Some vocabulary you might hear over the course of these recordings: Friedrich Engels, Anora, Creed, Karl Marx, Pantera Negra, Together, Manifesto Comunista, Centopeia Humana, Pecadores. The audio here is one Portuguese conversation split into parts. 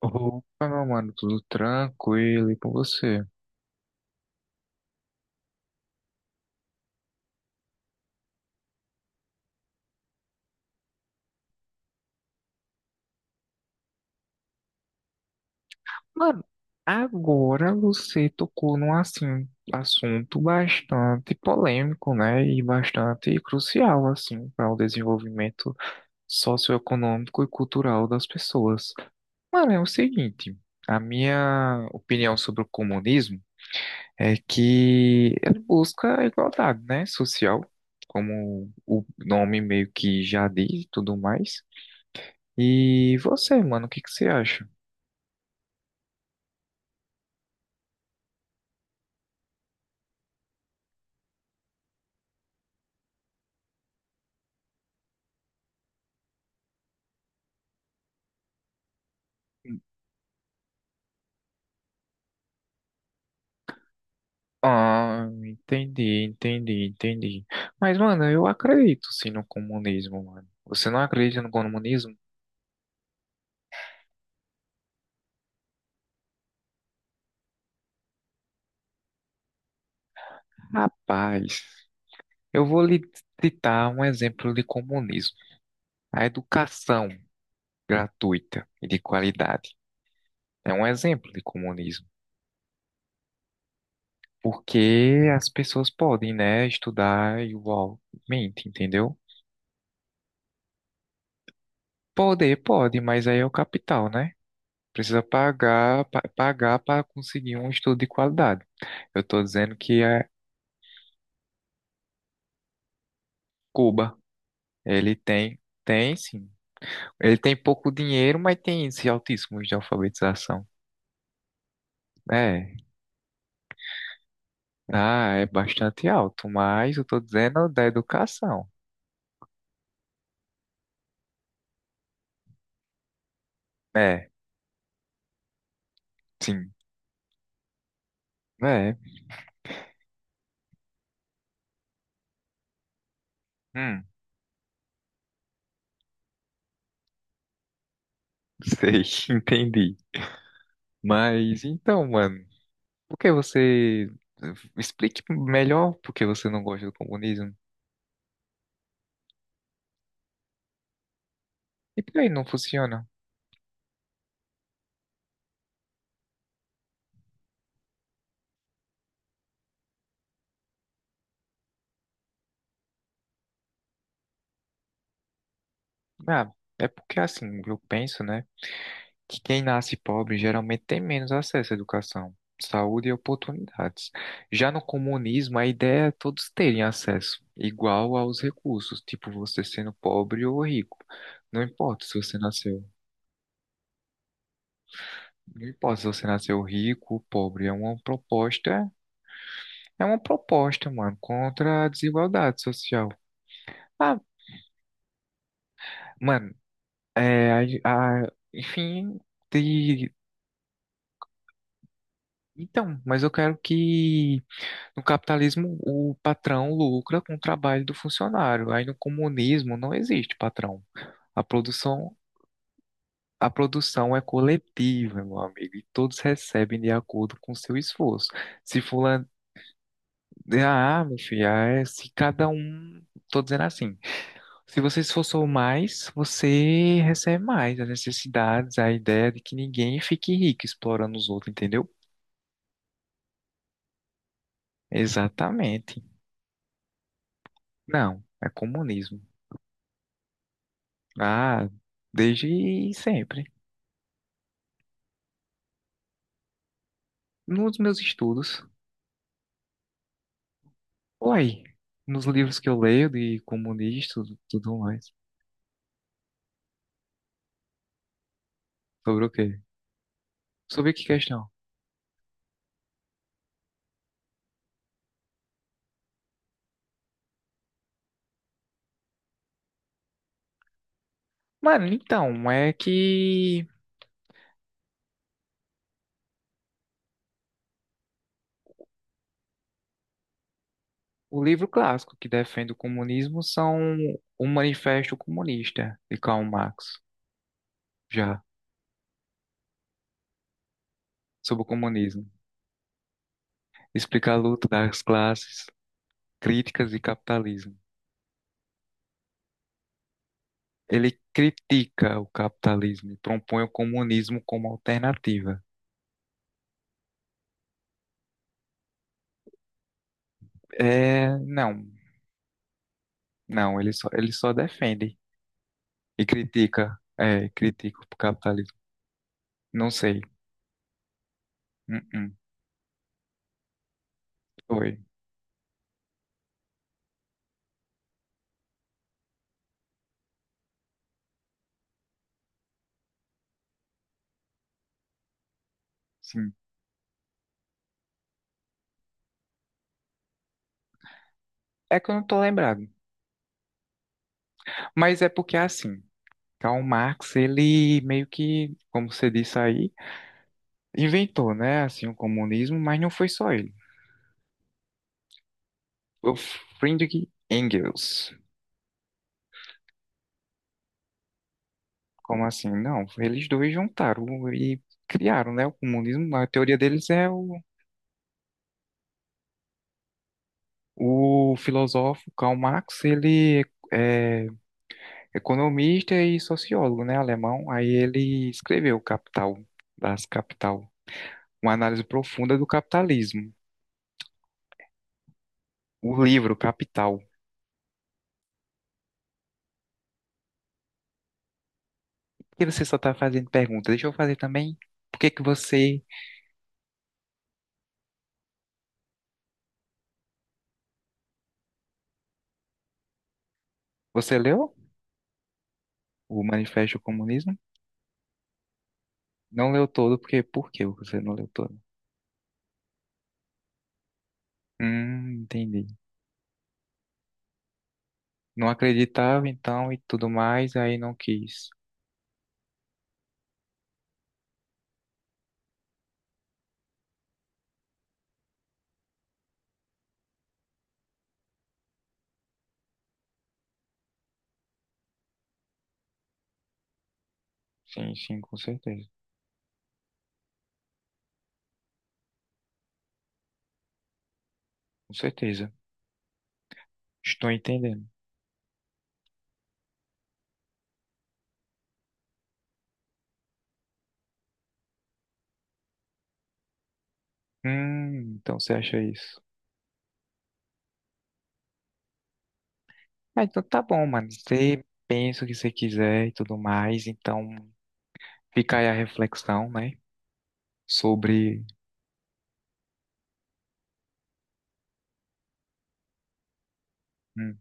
Opa, meu mano, tudo tranquilo e com você? Mano, agora você tocou assunto bastante polêmico, né? E bastante crucial, assim, para o desenvolvimento socioeconômico e cultural das pessoas. Mano, é o seguinte, a minha opinião sobre o comunismo é que ele busca a igualdade, né? Social, como o nome meio que já diz e tudo mais. E você, mano, o que que você acha? Ah, entendi, entendi, entendi. Mas, mano, eu acredito sim no comunismo, mano. Você não acredita no comunismo? Rapaz, eu vou lhe citar um exemplo de comunismo. A educação gratuita e de qualidade é um exemplo de comunismo. Porque as pessoas podem, né, estudar igualmente, entendeu? Poder pode, mas aí é o capital, né? Precisa pagar, pagar para conseguir um estudo de qualidade. Eu estou dizendo que é Cuba. Ele tem, tem sim. Ele tem pouco dinheiro, mas tem índice altíssimo de alfabetização. É, ah, é bastante alto, mas eu estou dizendo da educação. É, sim, é, hum, sei, entendi. Mas então, mano, por que eh, explique melhor por que você não gosta do comunismo? E por que não funciona? Ah, é porque assim, eu penso, né, que quem nasce pobre geralmente tem menos acesso à educação, saúde e oportunidades. Já no comunismo, a ideia é todos terem acesso igual aos recursos, tipo você sendo pobre ou rico. Não importa se você nasceu, não importa se você nasceu rico ou pobre, é uma proposta, mano, contra a desigualdade social. Ah, mano, é, a- enfim, de, então, mas eu quero que No capitalismo, o patrão lucra com o trabalho do funcionário. Aí no comunismo não existe patrão. A produção, a produção é coletiva, meu amigo, e todos recebem de acordo com o seu esforço. Se fulano, ah, meu filho, ah, é, se cada um, tô dizendo assim, Se você se esforçou mais, você recebe mais. As necessidades, a ideia de que ninguém fique rico explorando os outros, entendeu? Exatamente. Não, é comunismo. Ah, desde sempre. Nos meus estudos. Uai, nos livros que eu leio de comunista e tudo mais. Sobre o quê? Sobre que questão? Mano, então, é que o livro clássico que defende o comunismo são o Manifesto Comunista de Karl Marx, já, sobre o comunismo. Explica a luta das classes, críticas e capitalismo. Ele critica o capitalismo e propõe o comunismo como alternativa. É, não, não, ele só defende. E critica. É, critica o capitalismo. Não sei. Uh-uh. Foi. Sim. É que eu não tô lembrado. Mas é porque assim, Karl Marx, ele meio que, como você disse aí, inventou, né, assim, o comunismo, mas não foi só ele. O Friedrich Engels. Como assim? Não, eles dois juntaram e criaram, né, o comunismo. A teoria deles é o filósofo Karl Marx, ele é economista e sociólogo, né, alemão. Aí ele escreveu Capital, das Capital, uma análise profunda do capitalismo. O livro Capital. Por que você só está fazendo pergunta? Deixa eu fazer também. Por que que você Você leu o Manifesto do Comunismo? Não leu todo, porque por que você não leu todo? Entendi. Não acreditava então e tudo mais, aí não quis. Sim, sim, com certeza. Com certeza. Estou entendendo. Então você acha isso? Ah, então tá bom, mano. Você pensa o que você quiser e tudo mais, então fica aí a reflexão, né? Sobre. Hum,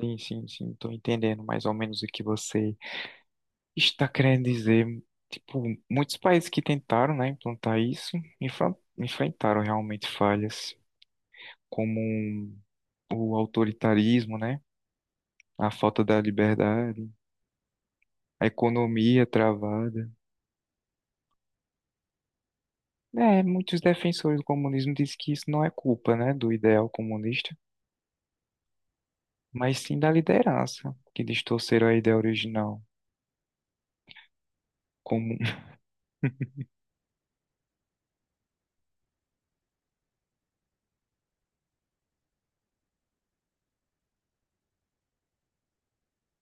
sim, sim, sim, tô entendendo mais ou menos o que você está querendo dizer. Tipo, muitos países que tentaram, né, implantar isso, enfrentaram realmente falhas, como o autoritarismo, né? A falta da liberdade, a economia travada. É, muitos defensores do comunismo dizem que isso não é culpa, né, do ideal comunista. Mas sim da liderança, que distorceram a ideia original, como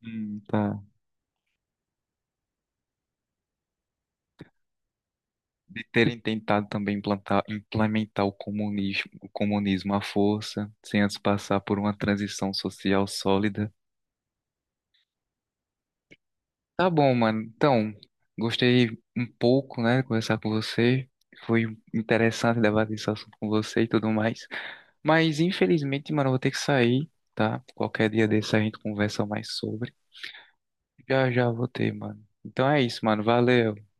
Tá. De terem tentado também implantar, implementar o comunismo à força, sem antes passar por uma transição social sólida. Tá bom, mano. Então, gostei um pouco, né, de conversar com você. Foi interessante debater esse assunto com você e tudo mais. Mas, infelizmente, mano, eu vou ter que sair, tá? Qualquer dia desse a gente conversa mais sobre. Já, já vou ter, mano. Então é isso, mano. Valeu.